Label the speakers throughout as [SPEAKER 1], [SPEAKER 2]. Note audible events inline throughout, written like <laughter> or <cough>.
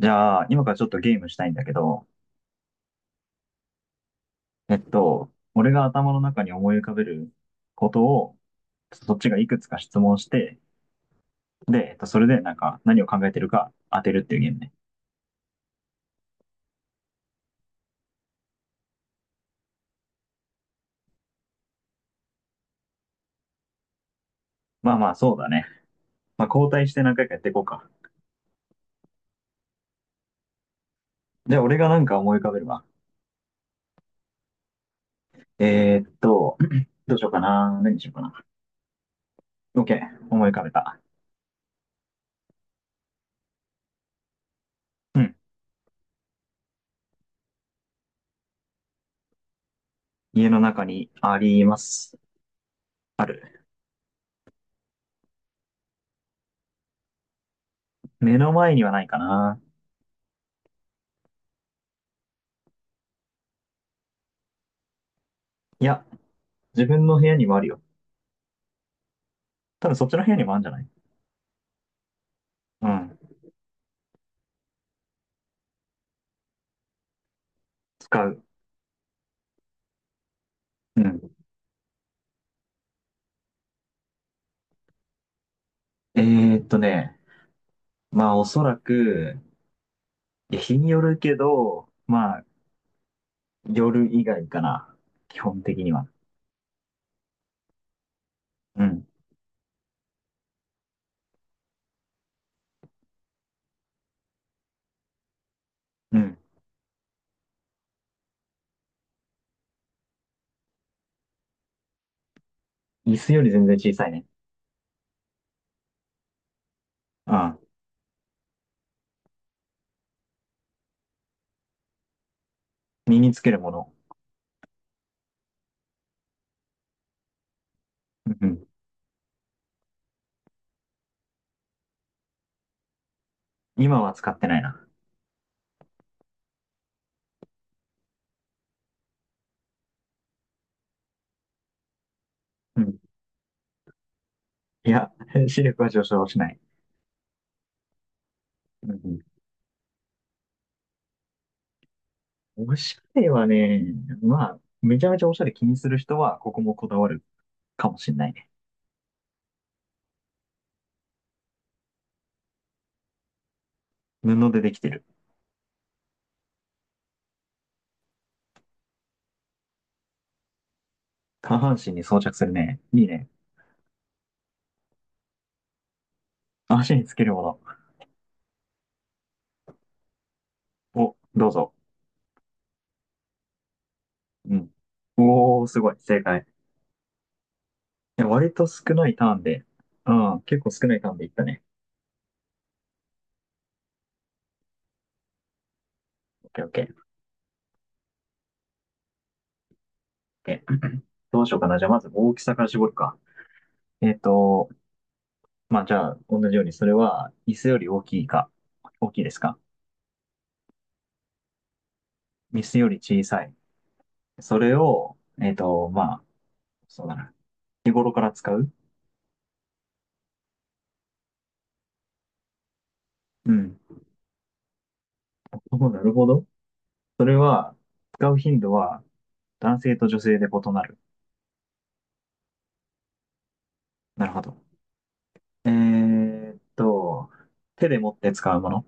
[SPEAKER 1] じゃあ、今からちょっとゲームしたいんだけど、俺が頭の中に思い浮かべることを、そっちがいくつか質問して、で、それでなんか何を考えてるか当てるっていうゲームね。まあまあ、そうだね。まあ、交代して何回かやっていこうか。じゃあ、俺がなんか思い浮かべるわ。えーっと、<clears throat> どうしようかな。何にしようかな。OK。思い浮かべた。うん。家の中にあります。ある。目の前にはないかな。いや、自分の部屋にもあるよ。多分そっちの部屋にもあるんじゃない？うん。使う。うん。えーっとね、まあおそらく、いや日によるけど、まあ夜以外かな。基本的には。うん。うん。椅子より全然小さいね。うん。身につけるもの。うん。今は使ってないな。うん。いや、<laughs> 視力は上昇しない。うん。おしゃれはね、まあ、めちゃめちゃおしゃれ気にする人は、ここもこだわるかもしれないね。布でできてる。下半身に装着するね。いいね。足につけるもの。お、どうぞ。うん。おお、すごい。正解。いや割と少ないターンで、うん、結構少ないターンでいったね。オッケーオッケー。オッケー。どうしようかな。じゃあまず大きさから絞るか。えっと、まあじゃあ同じように、それは椅子より大きいか、大きいですか？椅子より小さい。それを、まあ、そうだな。日頃から使う？うん。お、なるほど。それは、使う頻度は男性と女性で異なる？なるほど。えーっと、手で持って使うもの？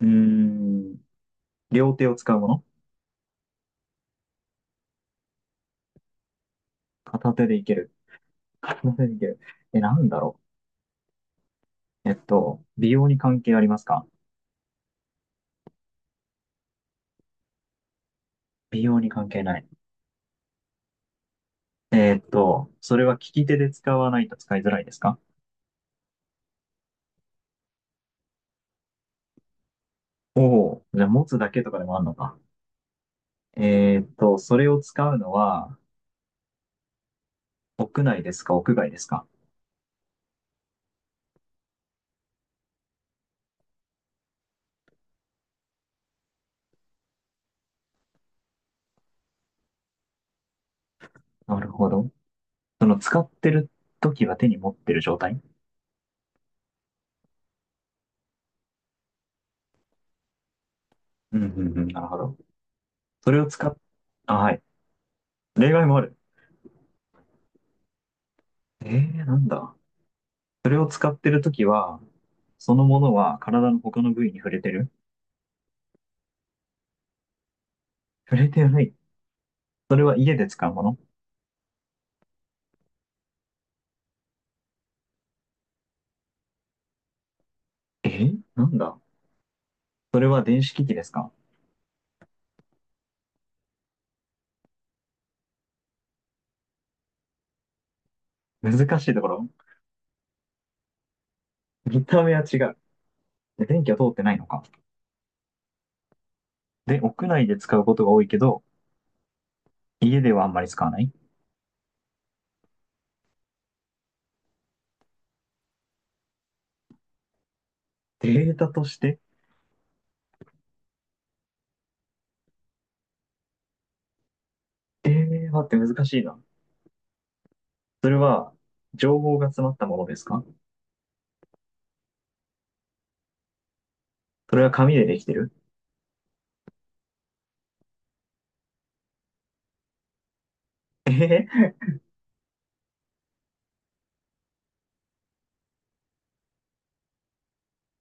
[SPEAKER 1] うーん。両手を使うもの？片手でいける。片手でいける。え、なんだろう。美容に関係ありますか？美容に関係ない。それは利き手で使わないと使いづらいですか？おおー、じゃあ持つだけとかでもあるのか。それを使うのは、屋内ですか、屋外ですか？なるほど。その使ってる時は手に持ってる状態？うんうんうん。なるほど。それを使っ、あ、はい。例外もある。なんだ。それを使ってる時は、そのものは体の他の部位に触れてる？触れてない。それは家で使うもの？なんだ。それは電子機器ですか？難しいところ。見た目は違う。で電気は通ってないのか。で、屋内で使うことが多いけど、家ではあんまり使わない？データとして？待って難しいな。それは、情報が詰まったものですか？それは紙でできてる？ <laughs> えへへ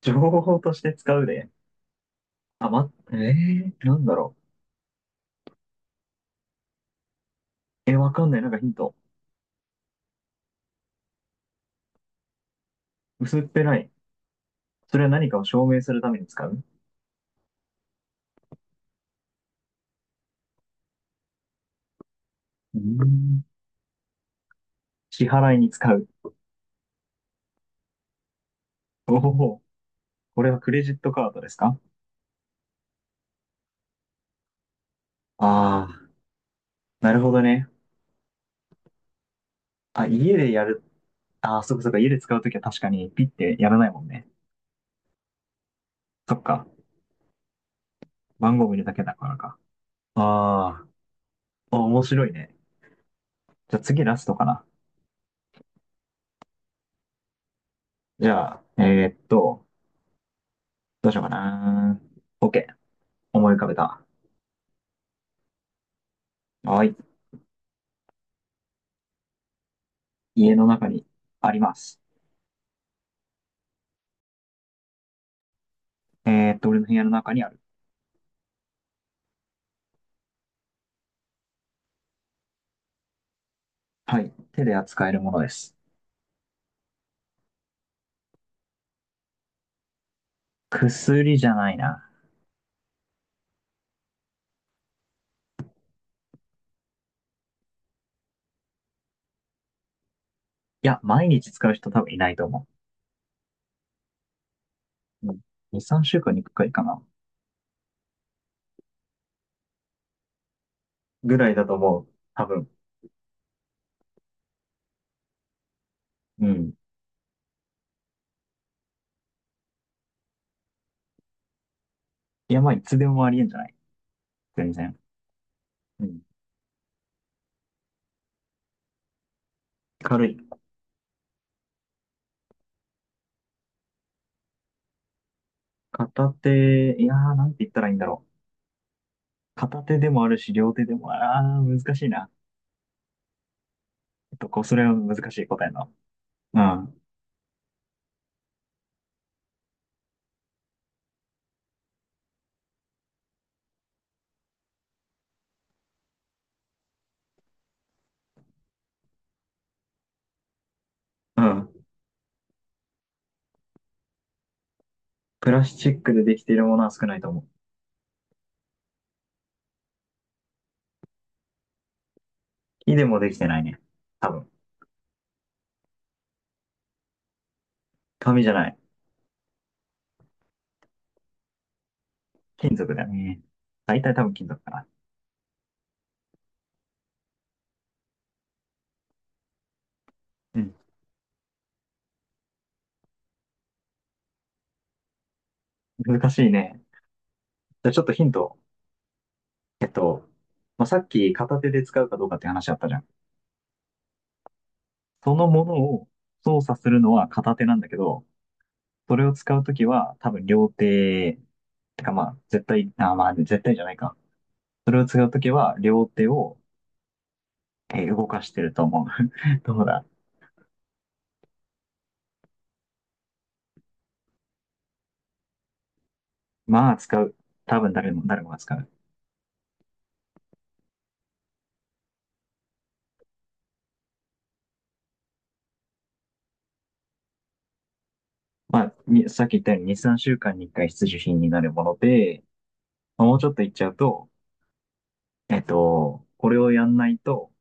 [SPEAKER 1] 情報として使うで。あ、ま、なんだろう。え、わかんない。なんかヒント。薄っぺらい。それは何かを証明するために使う？うーん。支払いに使う。おお、これはクレジットカードですか？ああー、なるほどね。あ、家でやる。ああ、そっかそっか。家で使うときは確かにピッてやらないもんね。そっか。番号見るだけだからか。ああ、あ、面白いね。じゃあ次ラストかな。じゃあ、どうしようかな。OK。思い浮かべた。はい。家の中にあります。俺の部屋の中にある。はい。手で扱えるものです。薬じゃないな。いや、毎日使う人多分いないと思う。うん。2、3週間にい回かいかな。ぐらいだと思う。多分。うん。いや、まあ、いつでもありえんじゃない？全然。うん。軽い。片手、いやー、なんて言ったらいいんだろう。片手でもあるし、両手でも、難しいな。こう、それは難しい答えだな。うん。うん。プラスチックでできているものは少ないと思。木でもできてないね。多分。紙じゃない。金属だよね。大体多分金属かな。うん。難しいね。じゃあちょっとヒント。えっと、まあ、さっき片手で使うかどうかって話あったじゃん。そのものを操作するのは片手なんだけど、それを使うときは多分両手、てかまあ、絶対、あ、まあ、絶対じゃないか。それを使うときは両手を、動かしてると思う。<laughs> どうだ？まあ、使う。多分誰もが使う。まあ、にさっき言ったように2、3週間に1回必需品になるもので、まあもうちょっと言っちゃうと、これをやんないと、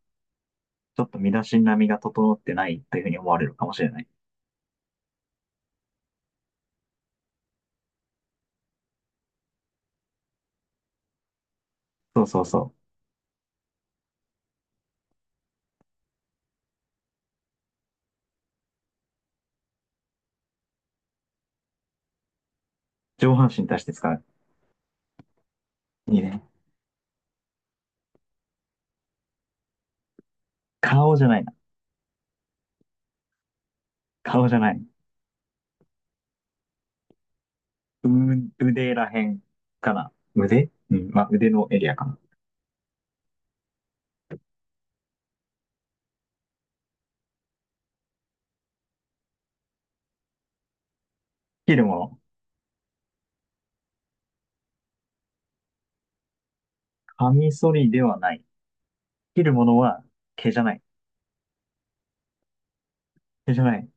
[SPEAKER 1] ちょっと身だしなみが整ってないというふうに思われるかもしれない。そうそうそう。上半身に対して使う。いいね。顔じゃないな。顔じゃない。う、腕らへんかな。腕、うん。まあ、腕のエリアかな。切るもの。カミソリではない。切るものは毛じゃない。毛じゃない。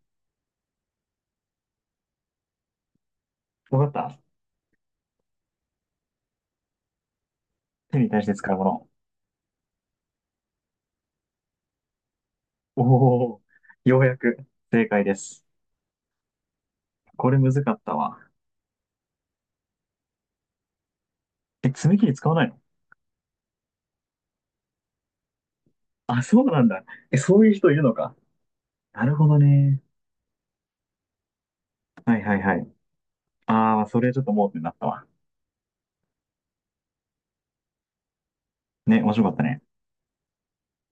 [SPEAKER 1] わかった。手に対して使うもの。おお、ようやく正解です。これむずかったわ。え、爪切り使わないの？あ、そうなんだ。え、そういう人いるのか。なるほどね。はいはいはい。ああ、それちょっと盲点だったわ。ね、面白かったね。